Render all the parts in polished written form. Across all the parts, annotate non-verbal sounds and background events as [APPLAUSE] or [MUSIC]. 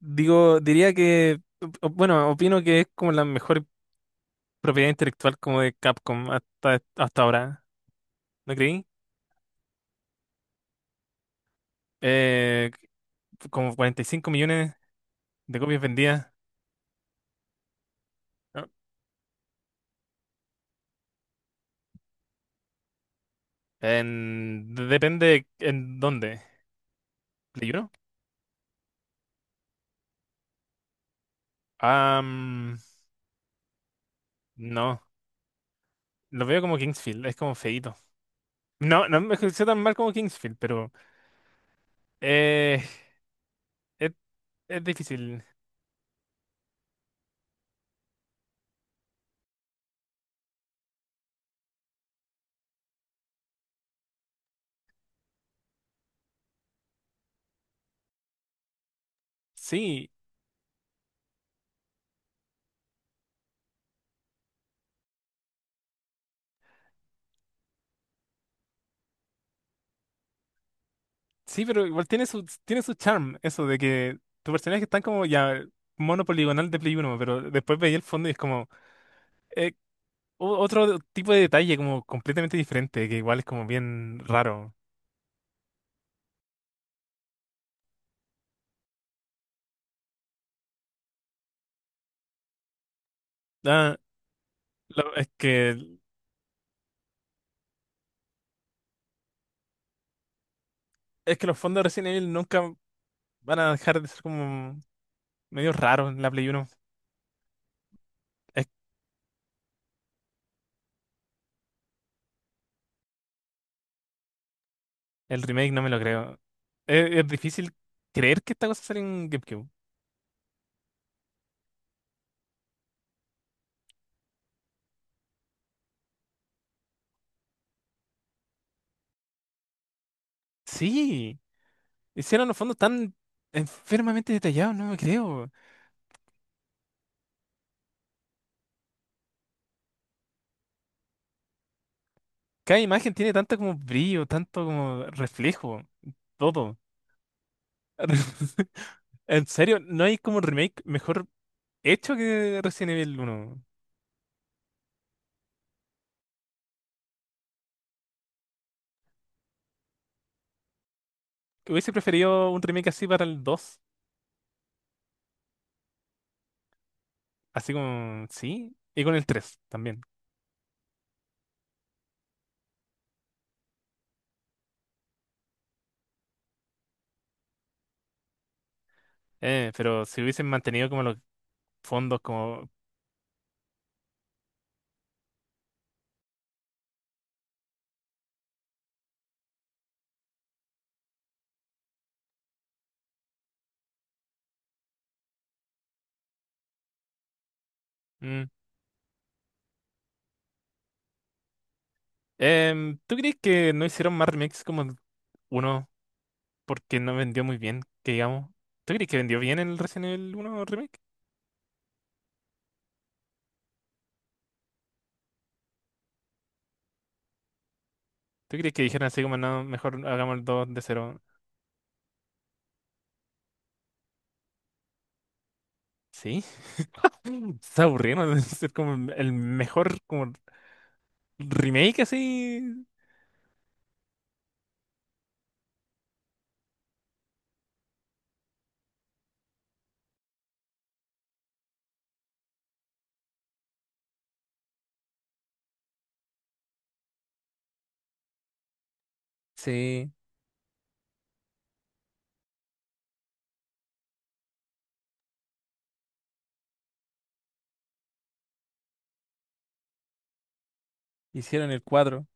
Digo, diría que, bueno, opino que es como la mejor propiedad intelectual como de Capcom hasta ahora, ¿no creí? Eh, como 45 millones de copias vendidas. ¿No? Depende en dónde. ¿Play uno? Am, no, lo veo como Kingsfield, es como feíto. No, no me ejerció tan mal como Kingsfield, pero eh, es, es difícil. Sí, sí, pero igual tiene su charm, eso de que tus personajes están como ya mono poligonal de Play uno, pero después veía el fondo y es como eh, otro tipo de detalle como completamente diferente, que igual es como bien raro. Ah, lo- es que es que los fondos de Resident Evil nunca van a dejar de ser como medio raros en la Play uno. Es- el remake no me lo creo. Es difícil creer que esta cosa sale en GameCube. Sí, hicieron los fondos tan enfermamente detallados, no me creo. Cada imagen tiene tanto como brillo, tanto como reflejo, todo. [LAUGHS] En serio, no hay como un remake mejor hecho que Resident Evil uno. Hubiese preferido un remake así para el dos, así como, sí, y con el tres también. Pero si hubiesen mantenido como los fondos, como. Mm. ¿Tú crees que no hicieron más remakes como el 1 porque no vendió muy bien, que digamos? ¿Tú crees que vendió bien el Resident Evil uno remake? ¿Tú crees que dijeron así como, no, mejor hagamos el 2 de cero? Sí, [LAUGHS] está aburrido, ¿no? [LAUGHS] Es como el mejor como remake así. Sí, hicieron el 4.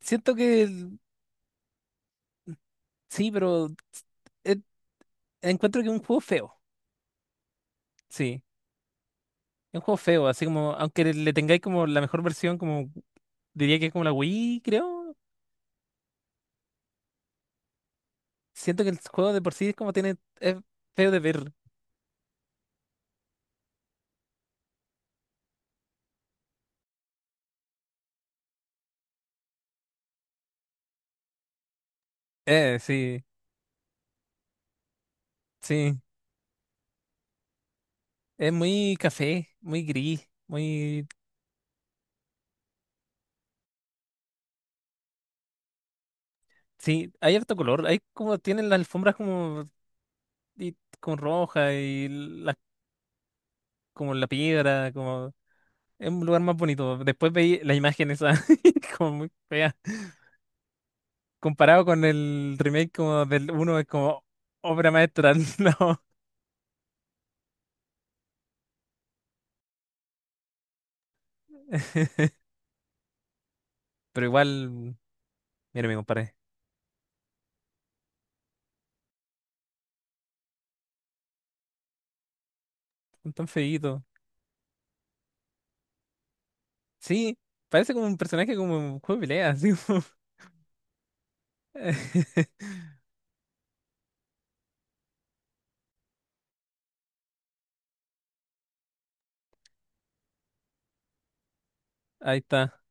Siento que sí, pero eh, encuentro que es un juego feo. Sí, es un juego feo, así como, aunque le tengáis como la mejor versión, como diría que es como la Wii, creo. Siento que el juego de por sí es como tiene, es feo de ver. Sí, sí. Es muy café, muy gris, muy. Sí, hay harto color. Hay como, tienen las alfombras como y con roja y la, como la piedra, como es un lugar más bonito. Después veí las imágenes esa [LAUGHS] como muy fea. Comparado con el remake como del uno es como obra maestra, [LAUGHS] no. Pero igual, mira, me comparé. Son tan feitos. Sí, parece como un personaje como un juego de pelea, así como- [LAUGHS] ahí está.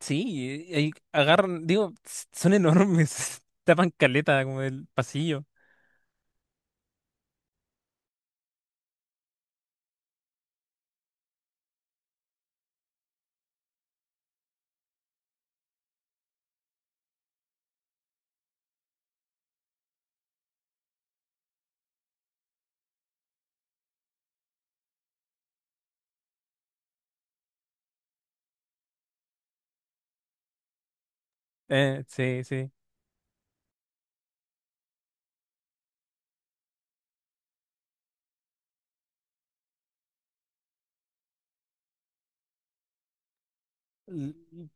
Sí, y agarran, digo, son enormes, [LAUGHS] tapan caleta como el pasillo. Sí, sí. l-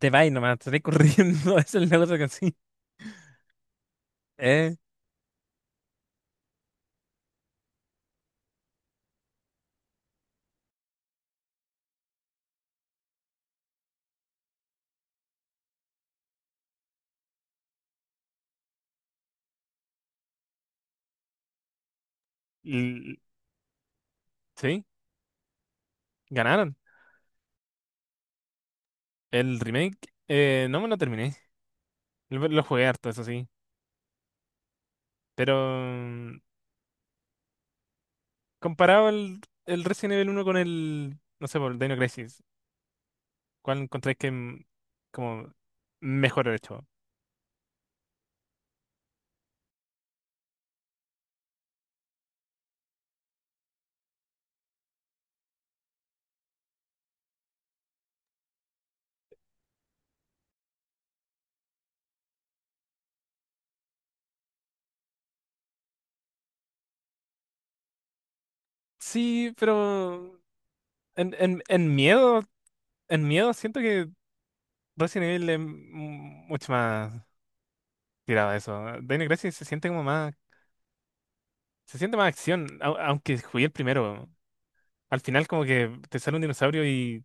Te va y nomás, te corriendo. [LAUGHS] Es el negocio que sí. Eh, l- sí, ganaron. El remake, no me lo terminé. Lo jugué harto, eso sí. Pero mm, comparado el Resident Evil uno con el, no sé, por el Dino Crisis, ¿cuál encontráis que como mejor hecho? Sí, pero en, en, en miedo, en miedo siento que Resident Evil es mucho más tirado a eso. Dino Crisis se siente como más. Se siente más acción, aunque jugué el primero. Al final como que te sale un dinosaurio y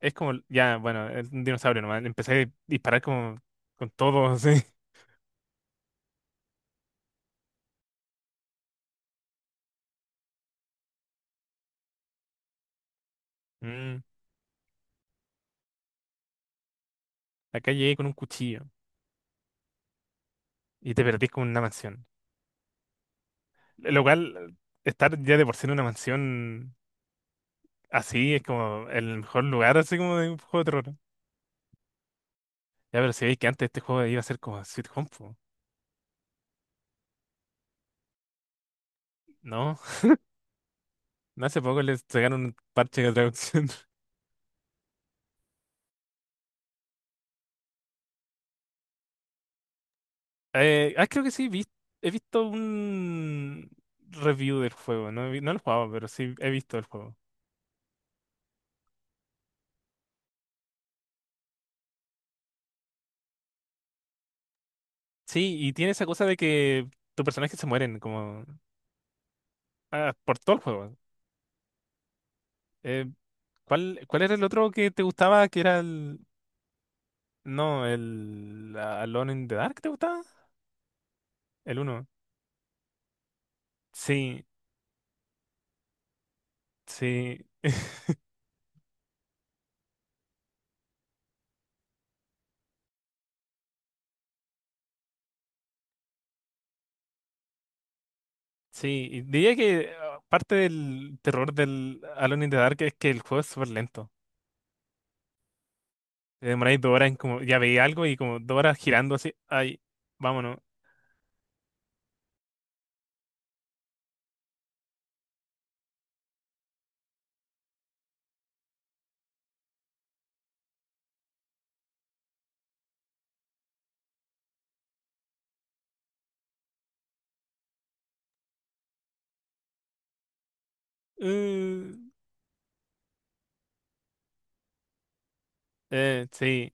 es como, ya, bueno, es un dinosaurio nomás. Empecé a disparar como con todo, [LAUGHS] así. Mm, Acá llegué con un cuchillo y te perdí con una mansión. Lo cual, estar ya de por sí en una mansión así es como el mejor lugar, así como de un juego de terror. Ya, pero si veis que antes este juego iba a ser como Sweet Home, po. ¿No? [LAUGHS] No hace poco les sacaron un parche de traducción. Creo que sí, he visto un review del juego, no, no lo he jugado, pero sí he visto el juego. Sí, y tiene esa cosa de que tus personajes se mueren como por todo el juego. Eh, ¿cuál era el otro que te gustaba? Que era el... No, el Alone in the Dark, ¿te gustaba? El uno. Sí, sí. [LAUGHS] Sí, y diría que parte del terror del Alone in the Dark es que el juego es súper lento. Te demoráis dos horas en como, ya veía algo y como dos horas girando así, ay, vámonos. Uh, sí,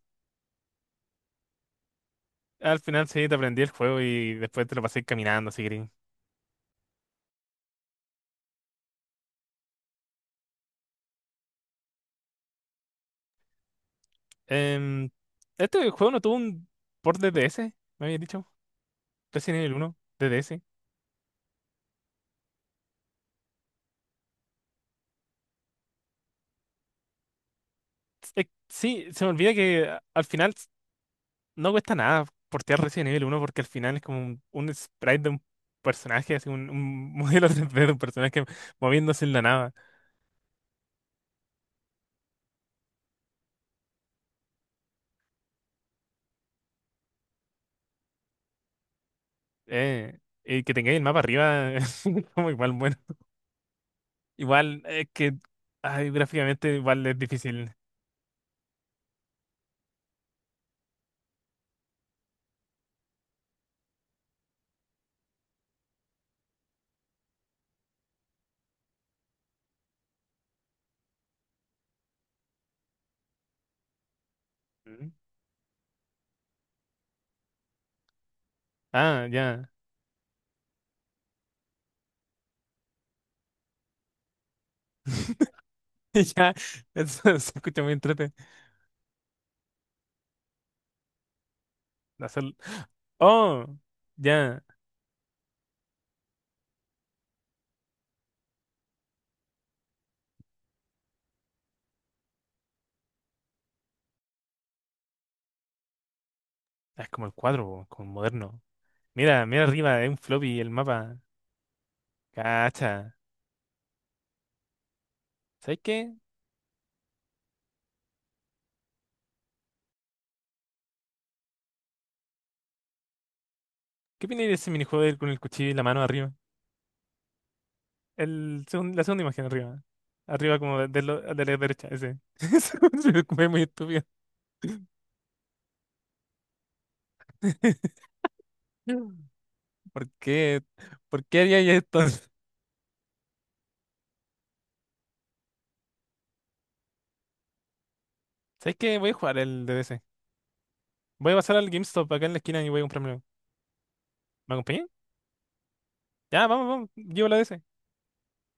al final sí te aprendí el juego y después te lo pasé caminando, así que... Em, este juego no tuvo un port de DS, me habías dicho, Resident Evil uno de DS. Sí, se me olvida que al final no cuesta nada portear Resident Evil uno porque al final es como un sprite de un personaje, así un [LAUGHS] modelo 3D de un personaje moviéndose en la nave. Que tengáis el mapa arriba, [LAUGHS] es como igual, bueno. Igual, es que ay, gráficamente igual es difícil. Mm. Ah, ya. [LAUGHS] Ya, eso se escucha muy entrete. Hacer- Oh, ya. Ah, es como el cuadro, po, como moderno. Mira, mira arriba, es un floppy el mapa. Cacha. ¿Sabes qué? ¿Qué opináis de ese minijuego de ir con el cuchillo y la mano arriba? La segunda imagen arriba. Arriba como de de la derecha, ese. [LAUGHS] Eso me muy estúpido. [LAUGHS] ¿Por qué? ¿Por qué haría esto? [LAUGHS] ¿Sabes qué? Voy a jugar el D. D. DDC. Voy a pasar al GameStop acá en la esquina y voy a comprarme. ¿Me acompañan? Ya, vamos, vamos. Llevo la DS.